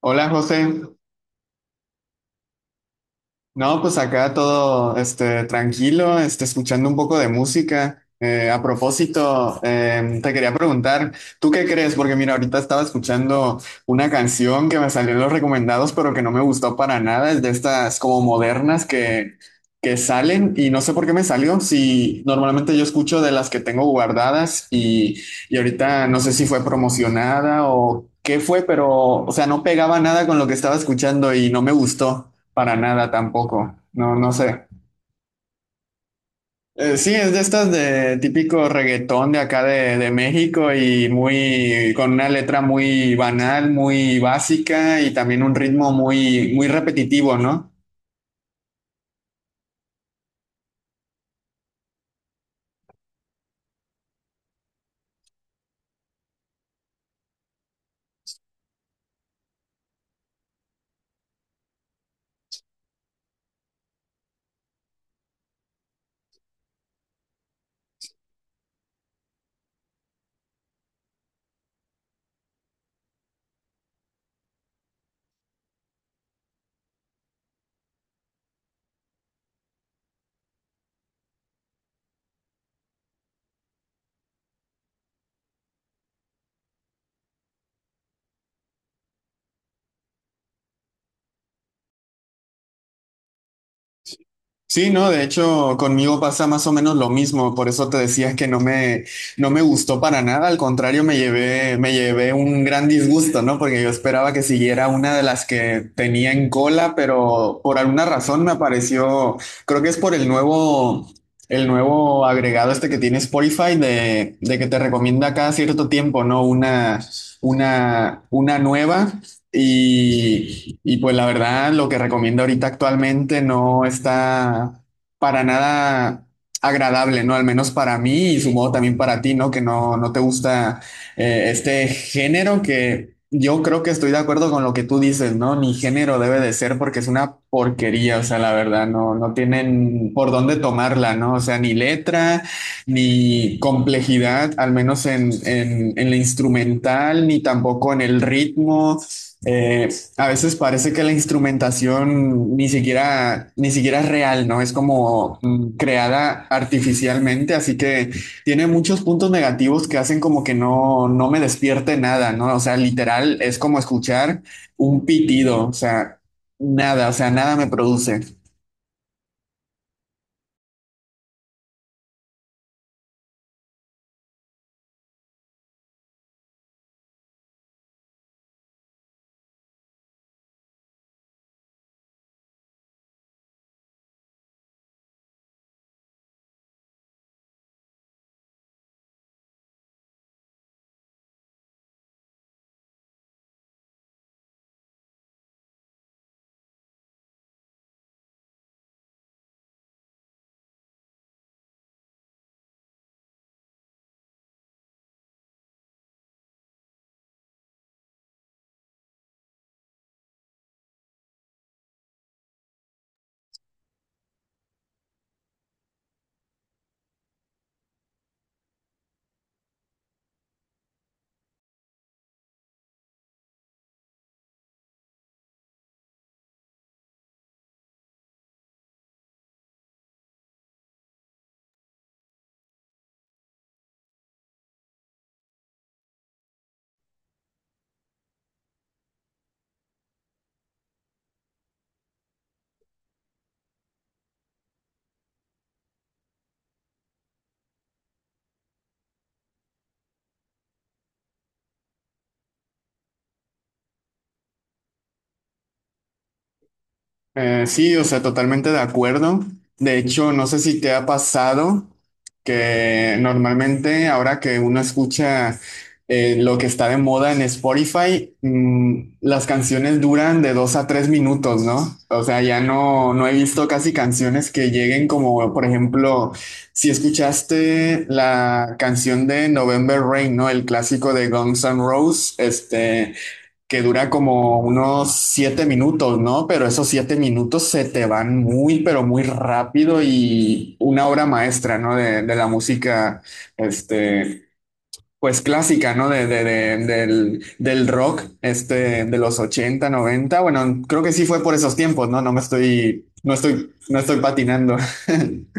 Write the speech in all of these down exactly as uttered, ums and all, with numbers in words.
Hola José, no, pues acá todo este, tranquilo, este, escuchando un poco de música. Eh, a propósito, eh, te quería preguntar, ¿tú qué crees? Porque mira, ahorita estaba escuchando una canción que me salió en los recomendados, pero que no me gustó para nada, es de estas como modernas que, que salen y no sé por qué me salió, si normalmente yo escucho de las que tengo guardadas y, y ahorita no sé si fue promocionada o qué fue, pero o sea, no pegaba nada con lo que estaba escuchando y no me gustó. Para nada tampoco, no, no sé. Eh, sí, es de estas de típico reggaetón de acá de, de México y muy con una letra muy banal, muy básica y también un ritmo muy, muy repetitivo, ¿no? Sí, no, de hecho, conmigo pasa más o menos lo mismo, por eso te decía que no me, no me gustó para nada, al contrario, me llevé, me llevé un gran disgusto, ¿no? Porque yo esperaba que siguiera una de las que tenía en cola, pero por alguna razón me apareció, creo que es por el nuevo, el nuevo agregado este que tiene Spotify de, de que te recomienda cada cierto tiempo, ¿no? Una, una, una nueva. Y, y pues la verdad, lo que recomiendo ahorita actualmente no está para nada agradable, ¿no? Al menos para mí y supongo también para ti, ¿no? Que no, no te gusta eh, este género que yo creo que estoy de acuerdo con lo que tú dices, ¿no? Ni género debe de ser porque es una porquería, o sea, la verdad, no, no tienen por dónde tomarla, ¿no? O sea, ni letra ni complejidad, al menos en, en, en la instrumental, ni tampoco en el ritmo, eh, a veces parece que la instrumentación ni siquiera, ni siquiera es real, ¿no? Es como mm, creada artificialmente, así que tiene muchos puntos negativos que hacen como que no, no me despierte nada, ¿no? O sea, literal es como escuchar un pitido, o sea, nada, o sea, nada me produce. Eh, sí, o sea, totalmente de acuerdo. De hecho, no sé si te ha pasado que normalmente ahora que uno escucha eh, lo que está de moda en Spotify, mm, las canciones duran de dos a tres minutos, ¿no? O sea, ya no, no he visto casi canciones que lleguen como, por ejemplo, si escuchaste la canción de November Rain, ¿no? El clásico de Guns N' Roses, este que dura como unos siete minutos, ¿no? Pero esos siete minutos se te van muy, pero muy rápido y una obra maestra, ¿no? De, de la música, este, pues clásica, ¿no? De, de- de- del, del rock, este, de los ochenta noventa. Bueno, creo que sí fue por esos tiempos, ¿no? No me estoy, no estoy, no estoy patinando.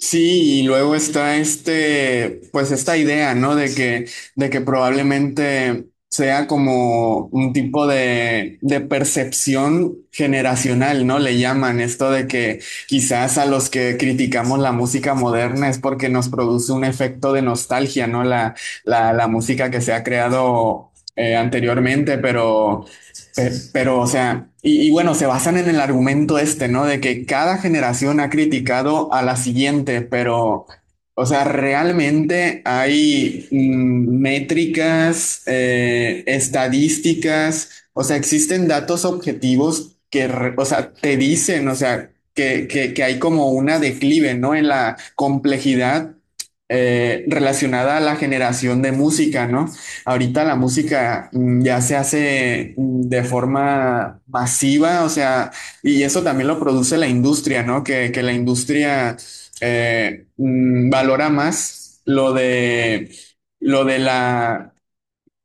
Sí, y luego está este, pues esta idea, ¿no? De que, de que probablemente sea como un tipo de, de percepción generacional, ¿no? Le llaman esto de que quizás a los que criticamos la música moderna es porque nos produce un efecto de nostalgia, ¿no? La, la, la música que se ha creado eh, anteriormente, pero pero, pero, o sea, y, y, bueno, se basan en el argumento este, ¿no? De que cada generación ha criticado a la siguiente, pero, o sea, realmente hay mm, métricas, eh, estadísticas, o sea, existen datos objetivos que, re- o sea, te dicen, o sea, que, que, que hay como una declive, ¿no? En la complejidad eh, relacionada a la generación de música, ¿no? Ahorita la música mm, ya se hace mm, de forma masiva, o sea, y eso también lo produce la industria, ¿no? Que, que la industria eh, mm, valora más lo de, lo de la,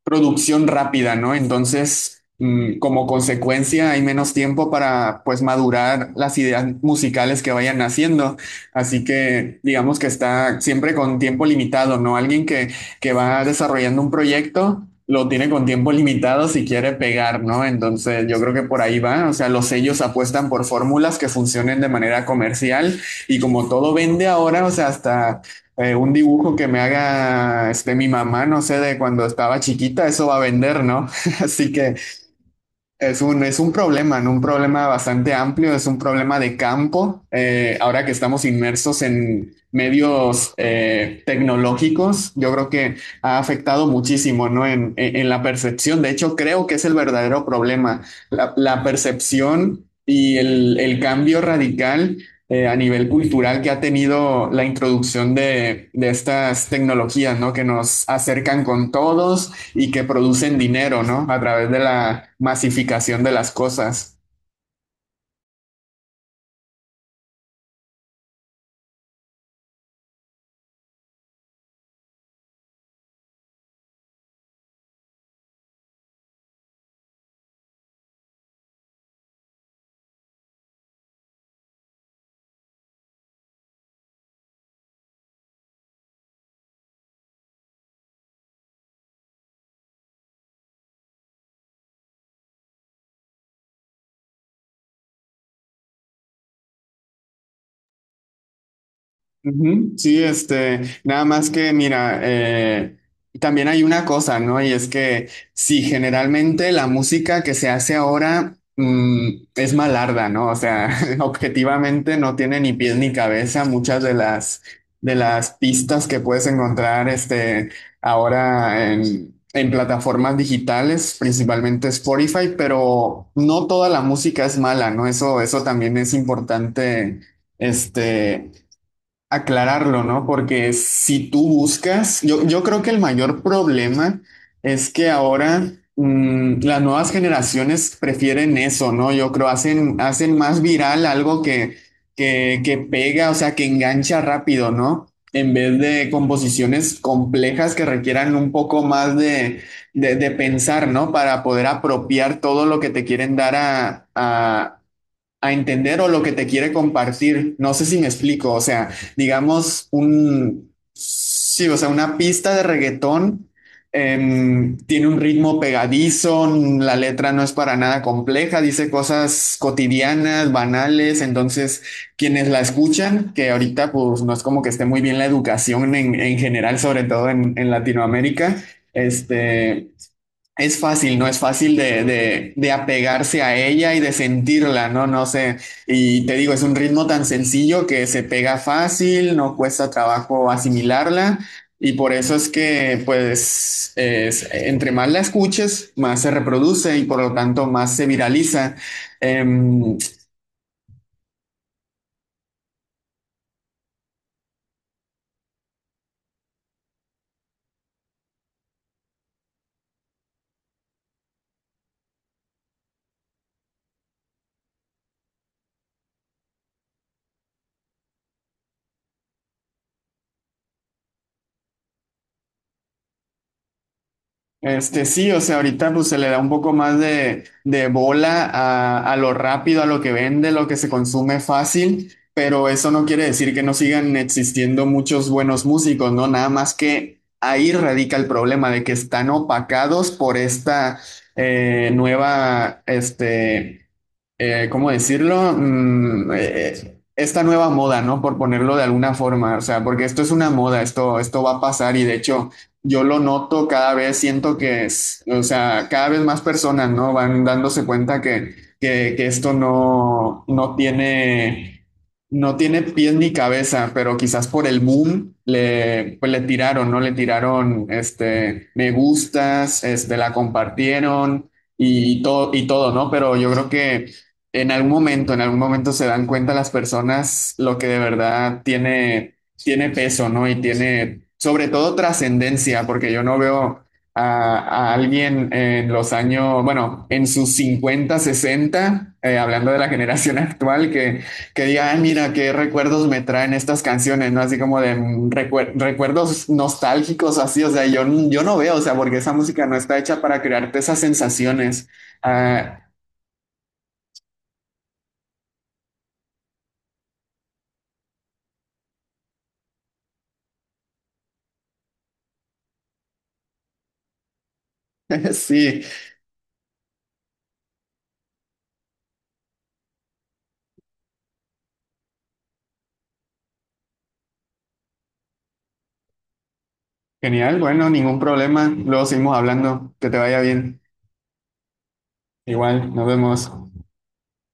producción rápida, ¿no? Entonces, mm, como consecuencia, hay menos tiempo para, pues, madurar las ideas musicales que vayan naciendo. Así que, digamos que está siempre con tiempo limitado, ¿no? Alguien que, que va desarrollando un proyecto. Lo tiene con tiempo limitado si quiere pegar, ¿no? Entonces yo creo que por ahí va. O sea, los sellos apuestan por fórmulas que funcionen de manera comercial y como todo vende ahora, o sea, hasta eh, un dibujo que me haga este, mi mamá, no sé, de cuando estaba chiquita, eso va a vender, ¿no? Así que es un, es un problema, ¿no? Un problema bastante amplio, es un problema de campo. Eh, ahora que estamos inmersos en medios eh, tecnológicos, yo creo que ha afectado muchísimo, ¿no? En, en- en la percepción. De hecho, creo que es el verdadero problema, la, la percepción y el, el cambio radical eh, a nivel cultural que ha tenido la introducción de, de estas tecnologías, ¿no? Que nos acercan con todos y que producen dinero, ¿no? A través de la masificación de las cosas. Ujú. Sí, este, nada más que mira, eh, también hay una cosa, ¿no? Y es que sí, generalmente la música que se hace ahora mm, es malarda, ¿no? O sea, objetivamente no tiene ni pies ni cabeza muchas de las de las pistas que puedes encontrar, este, ahora en, en plataformas digitales, principalmente Spotify, pero no toda la música es mala, ¿no? Eso, eso también es importante este, aclararlo, ¿no? Porque si tú buscas, yo, yo creo que el mayor problema es que ahora mm, las nuevas generaciones prefieren eso, ¿no? Yo creo, hacen, hacen más viral algo que, que, que pega, o sea, que engancha rápido, ¿no? En vez de composiciones complejas que requieran un poco más de, de, de pensar, ¿no? Para poder apropiar todo lo que te quieren dar a, a a entender o lo que te quiere compartir. No sé si me explico, o sea, digamos un, sí, o sea, una pista de reggaetón em, tiene un ritmo pegadizo, la letra no es para nada compleja, dice cosas cotidianas, banales, entonces quienes la escuchan, que ahorita pues no es como que esté muy bien la educación en, en general, sobre todo en, en Latinoamérica, este... Es fácil, ¿no? Es fácil de, de- de apegarse a ella y de sentirla, ¿no? No sé. Y te digo, es un ritmo tan sencillo que se pega fácil, no cuesta trabajo asimilarla. Y por eso es que, pues, es- entre más la escuches, más se reproduce y por lo tanto más se viraliza. Em, Este sí, o sea, ahorita pues se le da un poco más de, de bola a, a lo rápido, a lo que vende, lo que se consume fácil, pero eso no quiere decir que no sigan existiendo muchos buenos músicos, ¿no? Nada más que ahí radica el problema de que están opacados por esta eh, nueva, este, eh, ¿cómo decirlo? Mm, eh, esta nueva moda, ¿no? Por ponerlo de alguna forma, o sea, porque esto es una moda, esto, esto va a pasar y de hecho yo lo noto cada vez, siento que es, o sea, cada vez más personas, ¿no? Van dándose cuenta que, que, que esto no, no tiene, no tiene pies ni cabeza, pero quizás por el boom le, pues le tiraron, ¿no? Le tiraron, este, me gustas, este, la compartieron y todo, y todo, ¿no? Pero yo creo que en algún momento, en algún momento se dan cuenta las personas lo que de verdad tiene, tiene peso, ¿no? Y tiene, sobre todo, trascendencia, porque yo no veo a, a alguien en los años, bueno, en sus cincuenta sesenta eh, hablando de la generación actual, que, que diga, "Ay, mira, qué recuerdos me traen estas canciones, ¿no? Así como de mm, recuer- recuerdos nostálgicos, así, o sea, yo, yo no veo, o sea, porque esa música no está hecha para crearte esas sensaciones. Ah, Sí, genial, bueno, ningún problema. Luego seguimos hablando. Que te vaya bien. Igual, nos vemos.